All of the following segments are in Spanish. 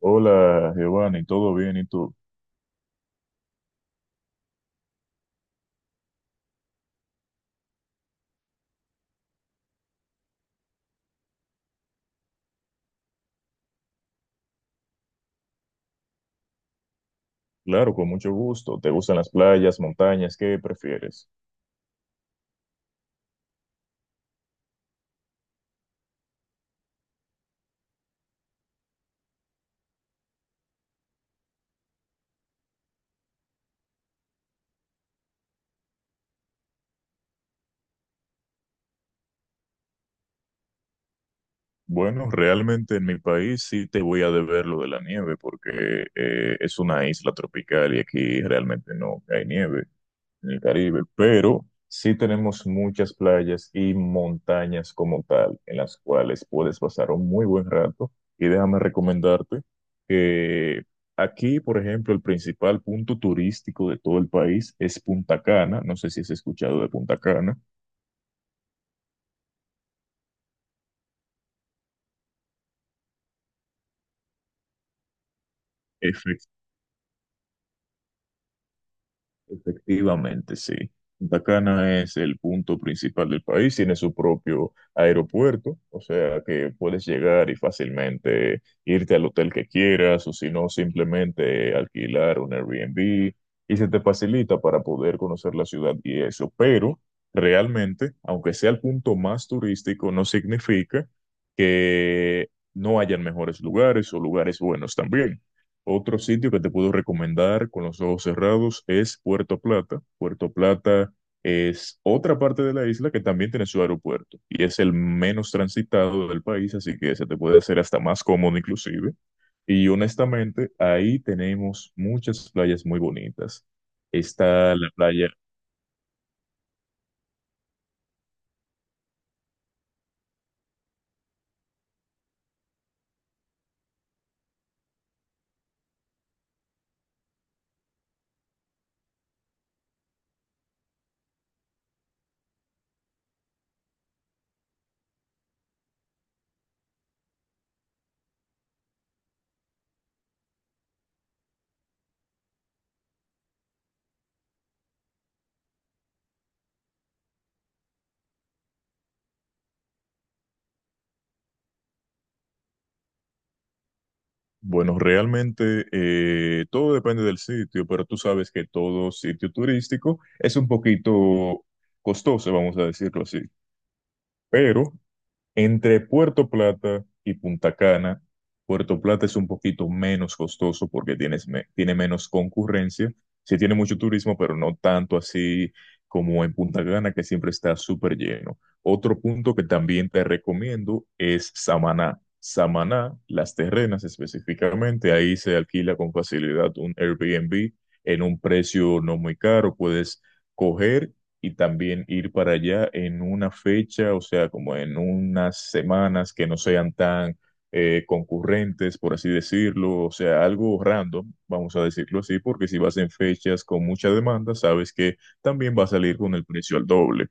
Hola, Giovanni, ¿todo bien? ¿Y tú? Claro, con mucho gusto. ¿Te gustan las playas, montañas? ¿Qué prefieres? Bueno, realmente en mi país sí te voy a deber lo de la nieve porque es una isla tropical y aquí realmente no hay nieve en el Caribe, pero sí tenemos muchas playas y montañas como tal, en las cuales puedes pasar un muy buen rato. Y déjame recomendarte que aquí, por ejemplo, el principal punto turístico de todo el país es Punta Cana. No sé si has escuchado de Punta Cana. Efectivamente, sí. Punta Cana es el punto principal del país, tiene su propio aeropuerto, o sea que puedes llegar y fácilmente irte al hotel que quieras o si no, simplemente alquilar un Airbnb y se te facilita para poder conocer la ciudad y eso. Pero realmente, aunque sea el punto más turístico, no significa que no hayan mejores lugares o lugares buenos también. Otro sitio que te puedo recomendar con los ojos cerrados es Puerto Plata. Puerto Plata es otra parte de la isla que también tiene su aeropuerto y es el menos transitado del país, así que se te puede hacer hasta más cómodo inclusive. Y honestamente, ahí tenemos muchas playas muy bonitas. Está la playa, bueno, realmente todo depende del sitio, pero tú sabes que todo sitio turístico es un poquito costoso, vamos a decirlo así. Pero entre Puerto Plata y Punta Cana, Puerto Plata es un poquito menos costoso porque tiene menos concurrencia. Sí tiene mucho turismo, pero no tanto así como en Punta Cana, que siempre está súper lleno. Otro punto que también te recomiendo es Samaná. Samaná, Las Terrenas específicamente, ahí se alquila con facilidad un Airbnb en un precio no muy caro. Puedes coger y también ir para allá en una fecha, o sea, como en unas semanas que no sean tan concurrentes, por así decirlo, o sea, algo random, vamos a decirlo así, porque si vas en fechas con mucha demanda, sabes que también va a salir con el precio al doble.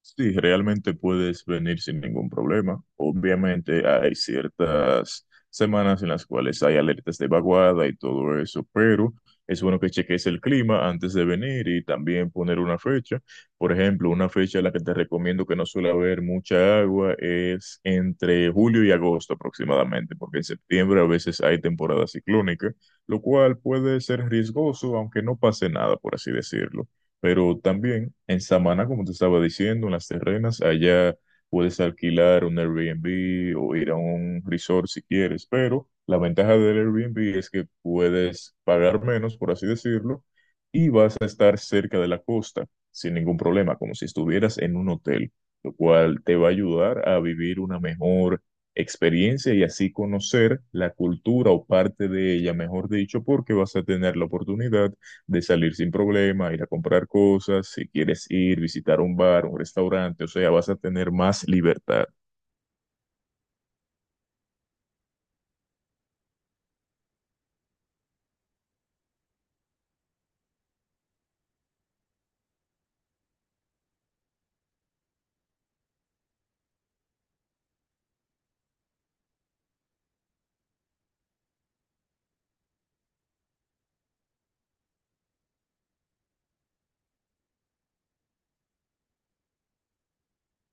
Sí, realmente puedes venir sin ningún problema. Obviamente hay ciertas semanas en las cuales hay alertas de vaguada y todo eso, pero es bueno que cheques el clima antes de venir y también poner una fecha. Por ejemplo, una fecha a la que te recomiendo que no suele haber mucha agua es entre julio y agosto aproximadamente, porque en septiembre a veces hay temporada ciclónica, lo cual puede ser riesgoso, aunque no pase nada, por así decirlo. Pero también en Samaná, como te estaba diciendo, en las terrenas, allá puedes alquilar un Airbnb o ir a un resort si quieres, pero la ventaja del Airbnb es que puedes pagar menos, por así decirlo, y vas a estar cerca de la costa sin ningún problema, como si estuvieras en un hotel, lo cual te va a ayudar a vivir una mejor experiencia y así conocer la cultura o parte de ella, mejor dicho, porque vas a tener la oportunidad de salir sin problema, ir a comprar cosas, si quieres ir, visitar un bar, un restaurante, o sea, vas a tener más libertad.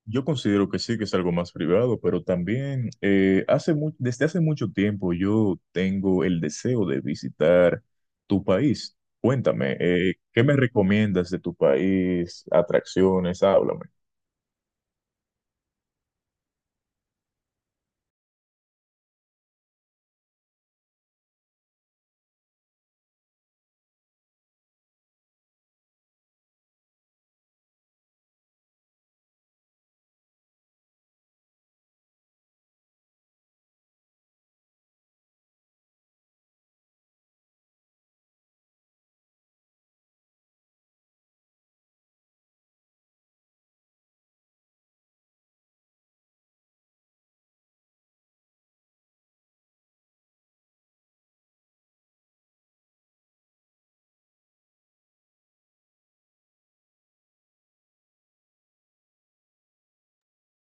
Yo considero que sí, que es algo más privado, pero también desde hace mucho tiempo yo tengo el deseo de visitar tu país. Cuéntame, ¿qué me recomiendas de tu país? Atracciones, háblame.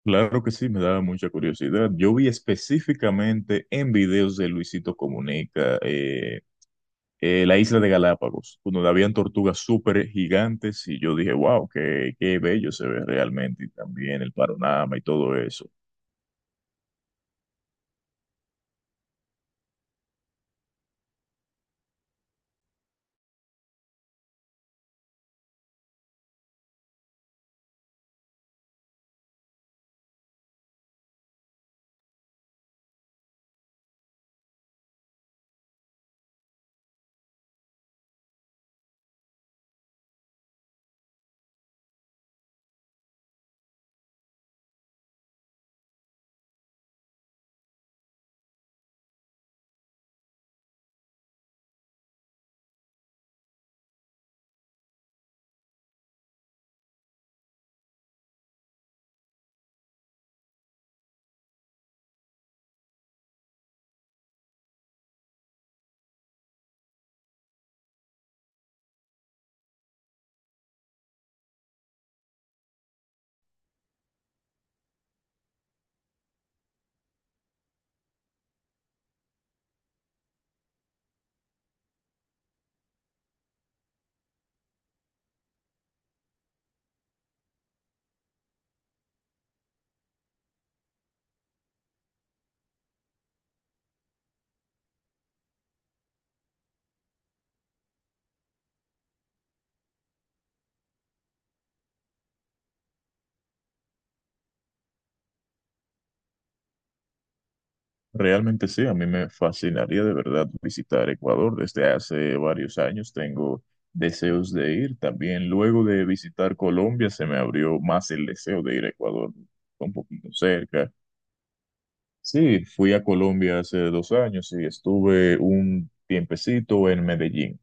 Claro que sí, me daba mucha curiosidad. Yo vi específicamente en videos de Luisito Comunica, la isla de Galápagos, donde habían tortugas súper gigantes y yo dije, wow, qué, qué bello se ve realmente y también el panorama y todo eso. Realmente sí, a mí me fascinaría de verdad visitar Ecuador. Desde hace varios años tengo deseos de ir. También luego de visitar Colombia se me abrió más el deseo de ir a Ecuador, un poquito cerca. Sí, fui a Colombia hace 2 años y estuve un tiempecito en Medellín.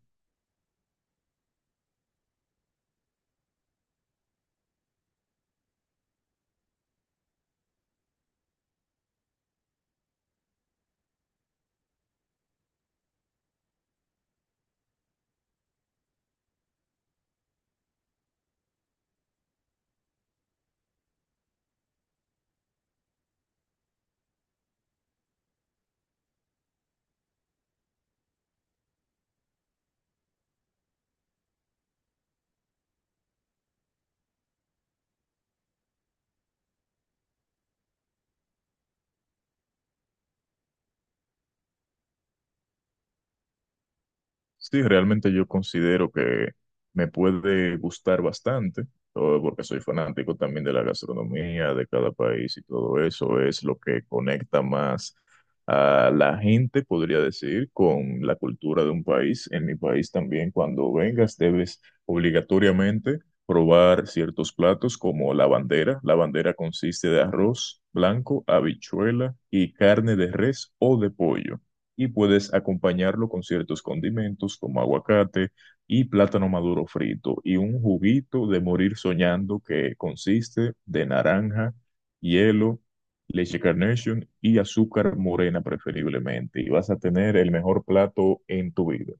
Sí, realmente yo considero que me puede gustar bastante, todo porque soy fanático también de la gastronomía de cada país y todo eso es lo que conecta más a la gente, podría decir, con la cultura de un país. En mi país también, cuando vengas, debes obligatoriamente probar ciertos platos como la bandera. La bandera consiste de arroz blanco, habichuela y carne de res o de pollo y puedes acompañarlo con ciertos condimentos como aguacate y plátano maduro frito y un juguito de morir soñando que consiste de naranja, hielo, leche Carnation y azúcar morena preferiblemente y vas a tener el mejor plato en tu vida.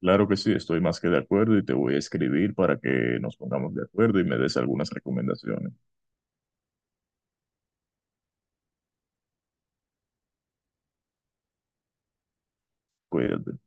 Claro que sí, estoy más que de acuerdo y te voy a escribir para que nos pongamos de acuerdo y me des algunas recomendaciones. Cuídate.